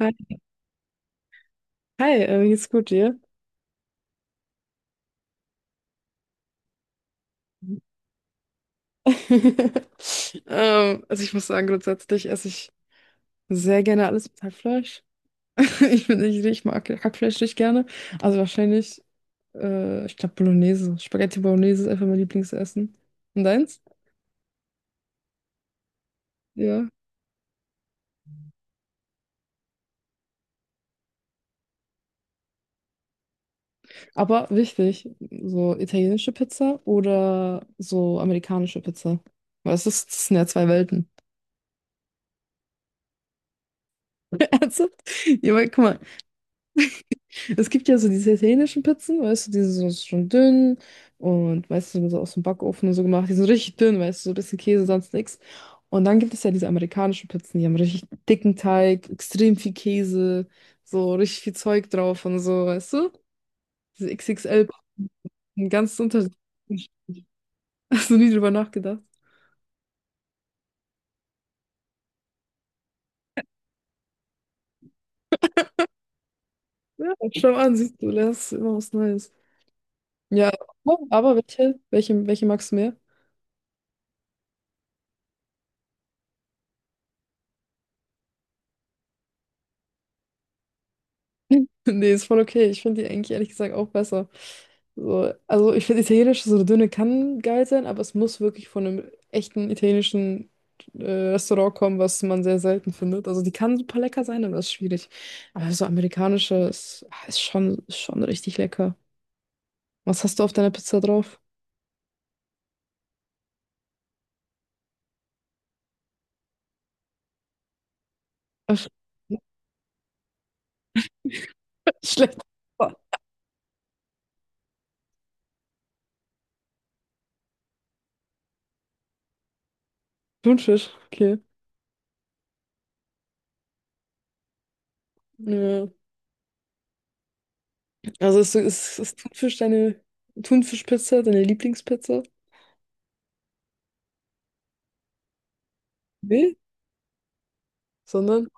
Hi, wie geht's gut dir? Also ich muss sagen, grundsätzlich esse ich sehr gerne alles mit Hackfleisch. Ich mag Hackfleisch nicht gerne. Also wahrscheinlich, ich glaube Bolognese. Spaghetti Bolognese ist einfach mein Lieblingsessen. Und deins? Ja. Aber wichtig, so italienische Pizza oder so amerikanische Pizza. Weil es ist, das sind ja zwei Welten. Also, ja, weil, guck mal, es gibt ja so diese italienischen Pizzen, weißt du, die sind so schon dünn und meistens sind so aus dem Backofen und so gemacht. Die sind richtig dünn, weißt du, so ein bisschen Käse, sonst nichts. Und dann gibt es ja diese amerikanischen Pizzen, die haben richtig dicken Teig, extrem viel Käse, so richtig viel Zeug drauf und so, weißt du? Diese XXL, ein ganz Unterschied. Hast du nie drüber nachgedacht? Ja, schau an, siehst du, lernst immer was Neues. Ja, aber welche magst du mehr? Nee, ist voll okay. Ich finde die eigentlich ehrlich gesagt auch besser. So, also ich finde Italienisch so eine Dünne kann geil sein, aber es muss wirklich von einem echten italienischen äh, Restaurant kommen, was man sehr selten findet. Also die kann super lecker sein, aber das ist schwierig. Aber so amerikanische ist, ah, ist schon richtig lecker. Was hast du auf deiner Pizza drauf? Ach, schlecht. Thunfisch, okay. Ja. Also ist Thunfisch deine Thunfischpizza, deine Lieblingspizza? Nee. Sondern,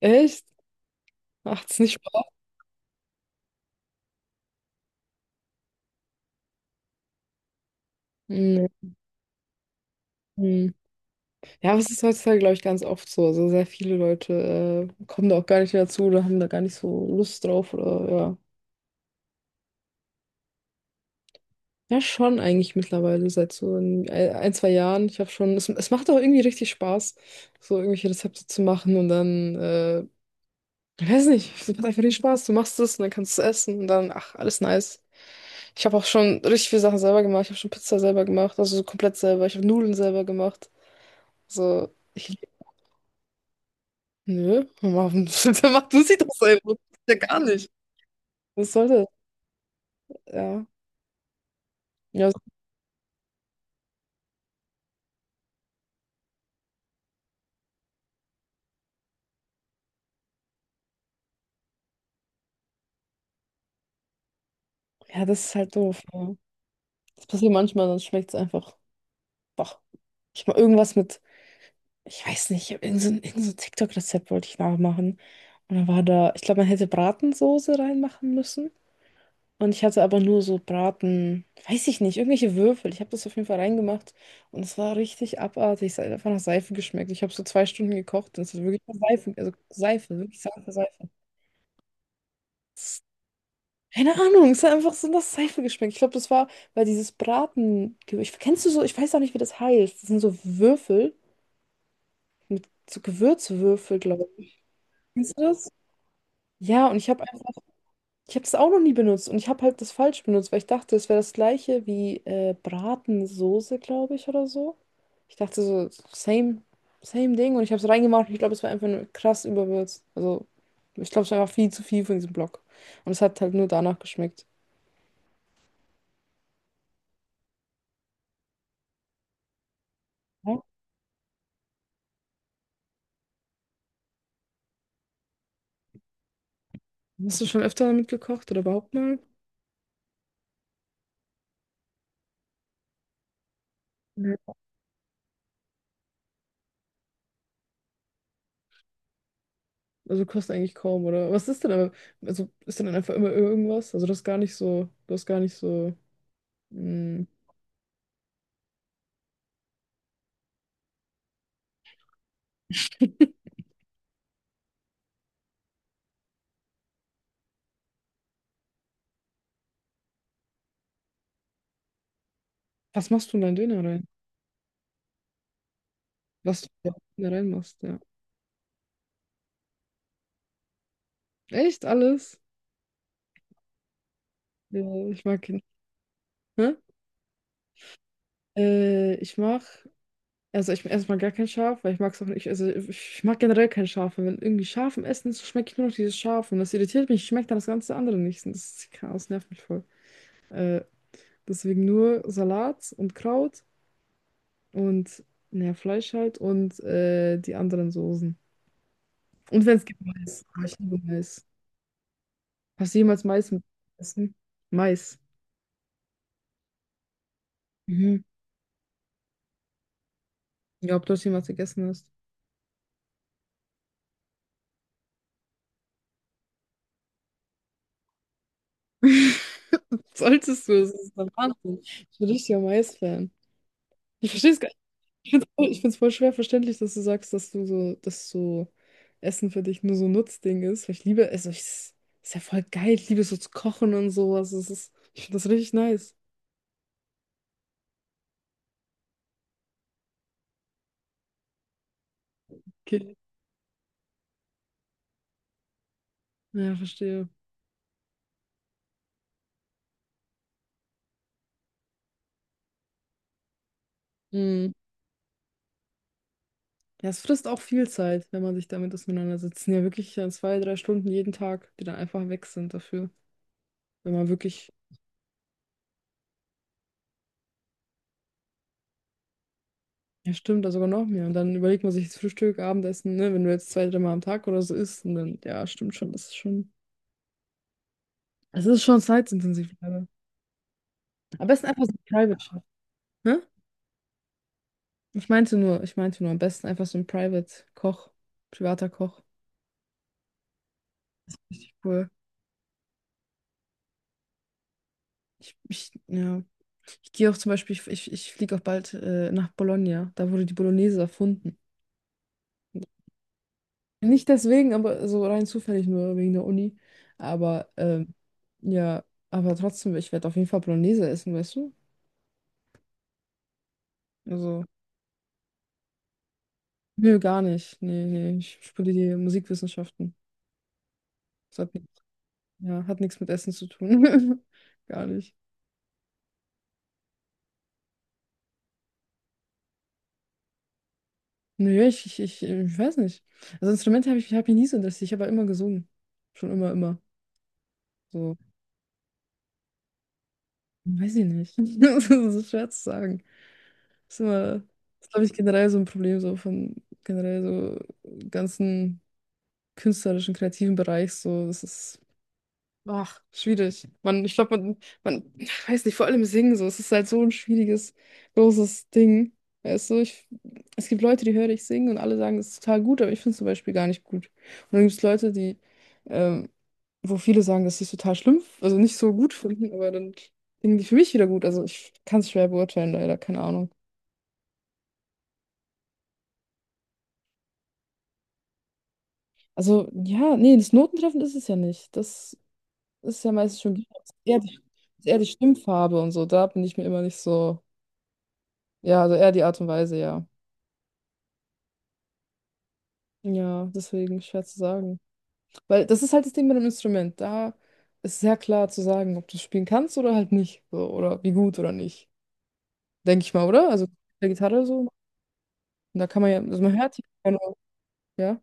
echt? Macht es nicht Spaß. Mhm. Mhm. Ja, aber es ist heutzutage, glaube ich, ganz oft so. Also sehr viele Leute kommen da auch gar nicht mehr zu oder haben da gar nicht so Lust drauf oder ja. Ja, schon eigentlich mittlerweile seit so ein zwei Jahren. Ich habe schon, es macht auch irgendwie richtig Spaß, so irgendwelche Rezepte zu machen und dann, ich weiß nicht, es macht einfach den Spaß. Du machst es und dann kannst du es essen und dann, ach, alles nice. Ich habe auch schon richtig viele Sachen selber gemacht. Ich habe schon Pizza selber gemacht, also so komplett selber. Ich habe Nudeln selber gemacht. So, ich nö, warum macht du sie doch selber? Ja, gar nicht. Was soll das? Ja. Ja, so- ja, das ist halt doof. Ja. Das passiert manchmal, dann schmeckt es einfach. Doch. Ich mal irgendwas mit, ich weiß nicht, ich habe irgend so ein TikTok-Rezept wollte ich nachmachen. Und dann war da, ich glaube, man hätte Bratensoße reinmachen müssen. Und ich hatte aber nur so Braten, weiß ich nicht, irgendwelche Würfel. Ich habe das auf jeden Fall reingemacht. Und es war richtig abartig. Es hat einfach nach Seife geschmeckt. Ich habe so zwei Stunden gekocht. Und es hat wirklich nach Seife, also Seife, wirklich Seife. Keine Ahnung, es hat einfach so nach Seife geschmeckt. Ich glaube, das war, weil dieses Braten. Ich, kennst du so, ich weiß auch nicht, wie das heißt. Das sind so Würfel mit so Gewürzwürfel, glaube ich. Kennst du das? Ja, und ich habe einfach, ich habe das auch noch nie benutzt und ich habe halt das falsch benutzt, weil ich dachte, es wäre das gleiche wie Bratensoße, glaube ich, oder so. Ich dachte so, same, same Ding und ich habe es reingemacht und ich glaube, es war einfach nur krass überwürzt. Also, ich glaube, es war einfach viel zu viel für diesen Block. Und es hat halt nur danach geschmeckt. Hast du schon öfter damit gekocht oder überhaupt mal? Nö. Also du eigentlich kaum, oder? Was ist denn aber, also ist denn einfach immer irgendwas? Also das ist gar nicht so, mh. Was machst du in deinen Döner rein? Was du in deinen Döner reinmachst, ja. Echt alles? Ja, ich mag ihn. Hä? Ich mag, also ich erstmal gar kein Schaf, weil ich mag es auch nicht, also ich mag generell kein Schaf, weil wenn irgendwie Schaf im Essen ist, schmecke ich nur noch dieses Schaf und das irritiert mich, schmeckt dann das ganze andere nicht. Und das ist Chaos, nervt mich voll. Äh, Deswegen nur Salat und Kraut und naja, Fleisch halt und die anderen Soßen. Und wenn es gibt Mais. Ah, ich liebe Mais. Hast du jemals Mais gegessen? Mais. Mhm. Ja, ob du das jemals gegessen hast. Solltest du, es ist der Wahnsinn. Ich bin richtiger Mais-Fan. Ich verstehe es gar nicht. Ich finde es voll, ich find's voll schwer verständlich, dass du sagst, dass du so, dass so Essen für dich nur so ein Nutzding ist. Weil ich liebe, also ich, es ist ja voll geil. Ich liebe es so zu kochen und sowas. Es ist, ich finde das richtig nice. Okay. Ja, verstehe. Mhm. Ja, es frisst auch viel Zeit, wenn man sich damit auseinandersetzt. Es sind ja wirklich ja, zwei, drei Stunden jeden Tag, die dann einfach weg sind dafür. Wenn man wirklich, ja stimmt, da sogar noch mehr. Und dann überlegt man sich das Frühstück, Abendessen, ne, wenn du jetzt zwei, dreimal am Tag oder so isst. Und dann, ja, stimmt schon, es ist schon zeitintensiv. Leider. Am besten einfach so ein Private Chef, ne? Ich meinte nur, am besten einfach so ein Private Koch, privater Koch. Richtig cool. Ja. Ich gehe auch zum Beispiel, ich fliege auch bald nach Bologna. Da wurde die Bolognese erfunden. Nicht deswegen, aber so rein zufällig nur wegen der Uni. Aber ja, aber trotzdem, ich werde auf jeden Fall Bolognese essen, weißt du? Also, nö, gar nicht. Nee, ich studiere Musikwissenschaften. Das hat, nix- ja, hat nichts mit Essen zu tun. Gar nicht. Nö, ich weiß nicht. Also Instrumente habe ich, hab ich nie so interessiert. Ich habe aber immer gesungen. Schon immer, immer. So. Weiß ich nicht. Das ist schwer zu sagen. Das ist, glaube ich, generell so ein Problem so von generell so ganzen künstlerischen, kreativen Bereich. So, das ist, ach, schwierig. Man, man, ich weiß nicht, vor allem singen so. Es ist halt so ein schwieriges, großes Ding. Weißt du, ich, es gibt Leute, die höre ich singen und alle sagen, es ist total gut, aber ich finde es zum Beispiel gar nicht gut. Und dann gibt es Leute, die, ähm, wo viele sagen, dass sie es total schlimm, also nicht so gut finden, aber dann singen die für mich wieder gut. Also ich kann es schwer beurteilen, leider, keine Ahnung. Also ja, nee, das Notentreffen ist es ja nicht. Das ist ja meistens schon eher die, eher die Stimmfarbe und so. Da bin ich mir immer nicht so. Ja, also eher die Art und Weise, ja. Ja, deswegen schwer zu sagen. Weil das ist halt das Ding mit dem Instrument. Da ist sehr klar zu sagen, ob du es spielen kannst oder halt nicht. So, oder wie gut oder nicht. Denke ich mal, oder? Also bei der Gitarre so. Und da kann man ja, also man hört die Töne, ja.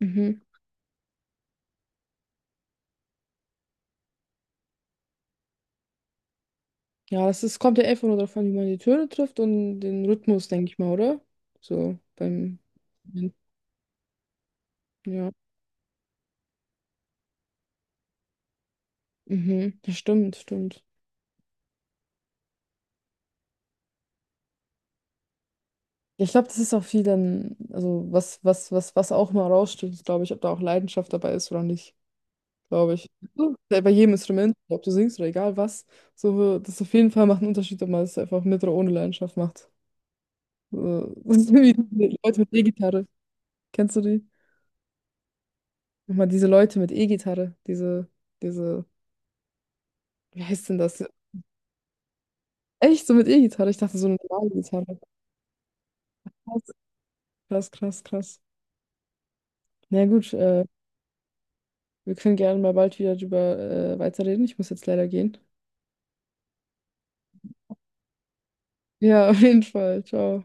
Mhm. Ja, das ist, kommt ja einfach nur darauf an, wie man die Töne trifft und den Rhythmus, denke ich mal, oder? So beim. Ja. Mhm. Das stimmt. Ich glaube, das ist auch viel dann, also was auch mal raussticht, ist, glaube ich, ob da auch Leidenschaft dabei ist oder nicht, glaube ich. So, bei jedem Instrument, ob du singst oder egal was, so, das auf jeden Fall macht einen Unterschied, ob man es einfach mit oder ohne Leidenschaft macht. So, das ist wie diese Leute mit E-Gitarre. Kennst du die? Nochmal diese Leute mit E-Gitarre, diese, wie heißt denn das? Echt, so mit E-Gitarre? Ich dachte, so eine normale Gitarre. Krass, krass. Na gut, wir können gerne mal bald wieder drüber weiterreden. Ich muss jetzt leider gehen. Ja, auf jeden Fall. Ciao.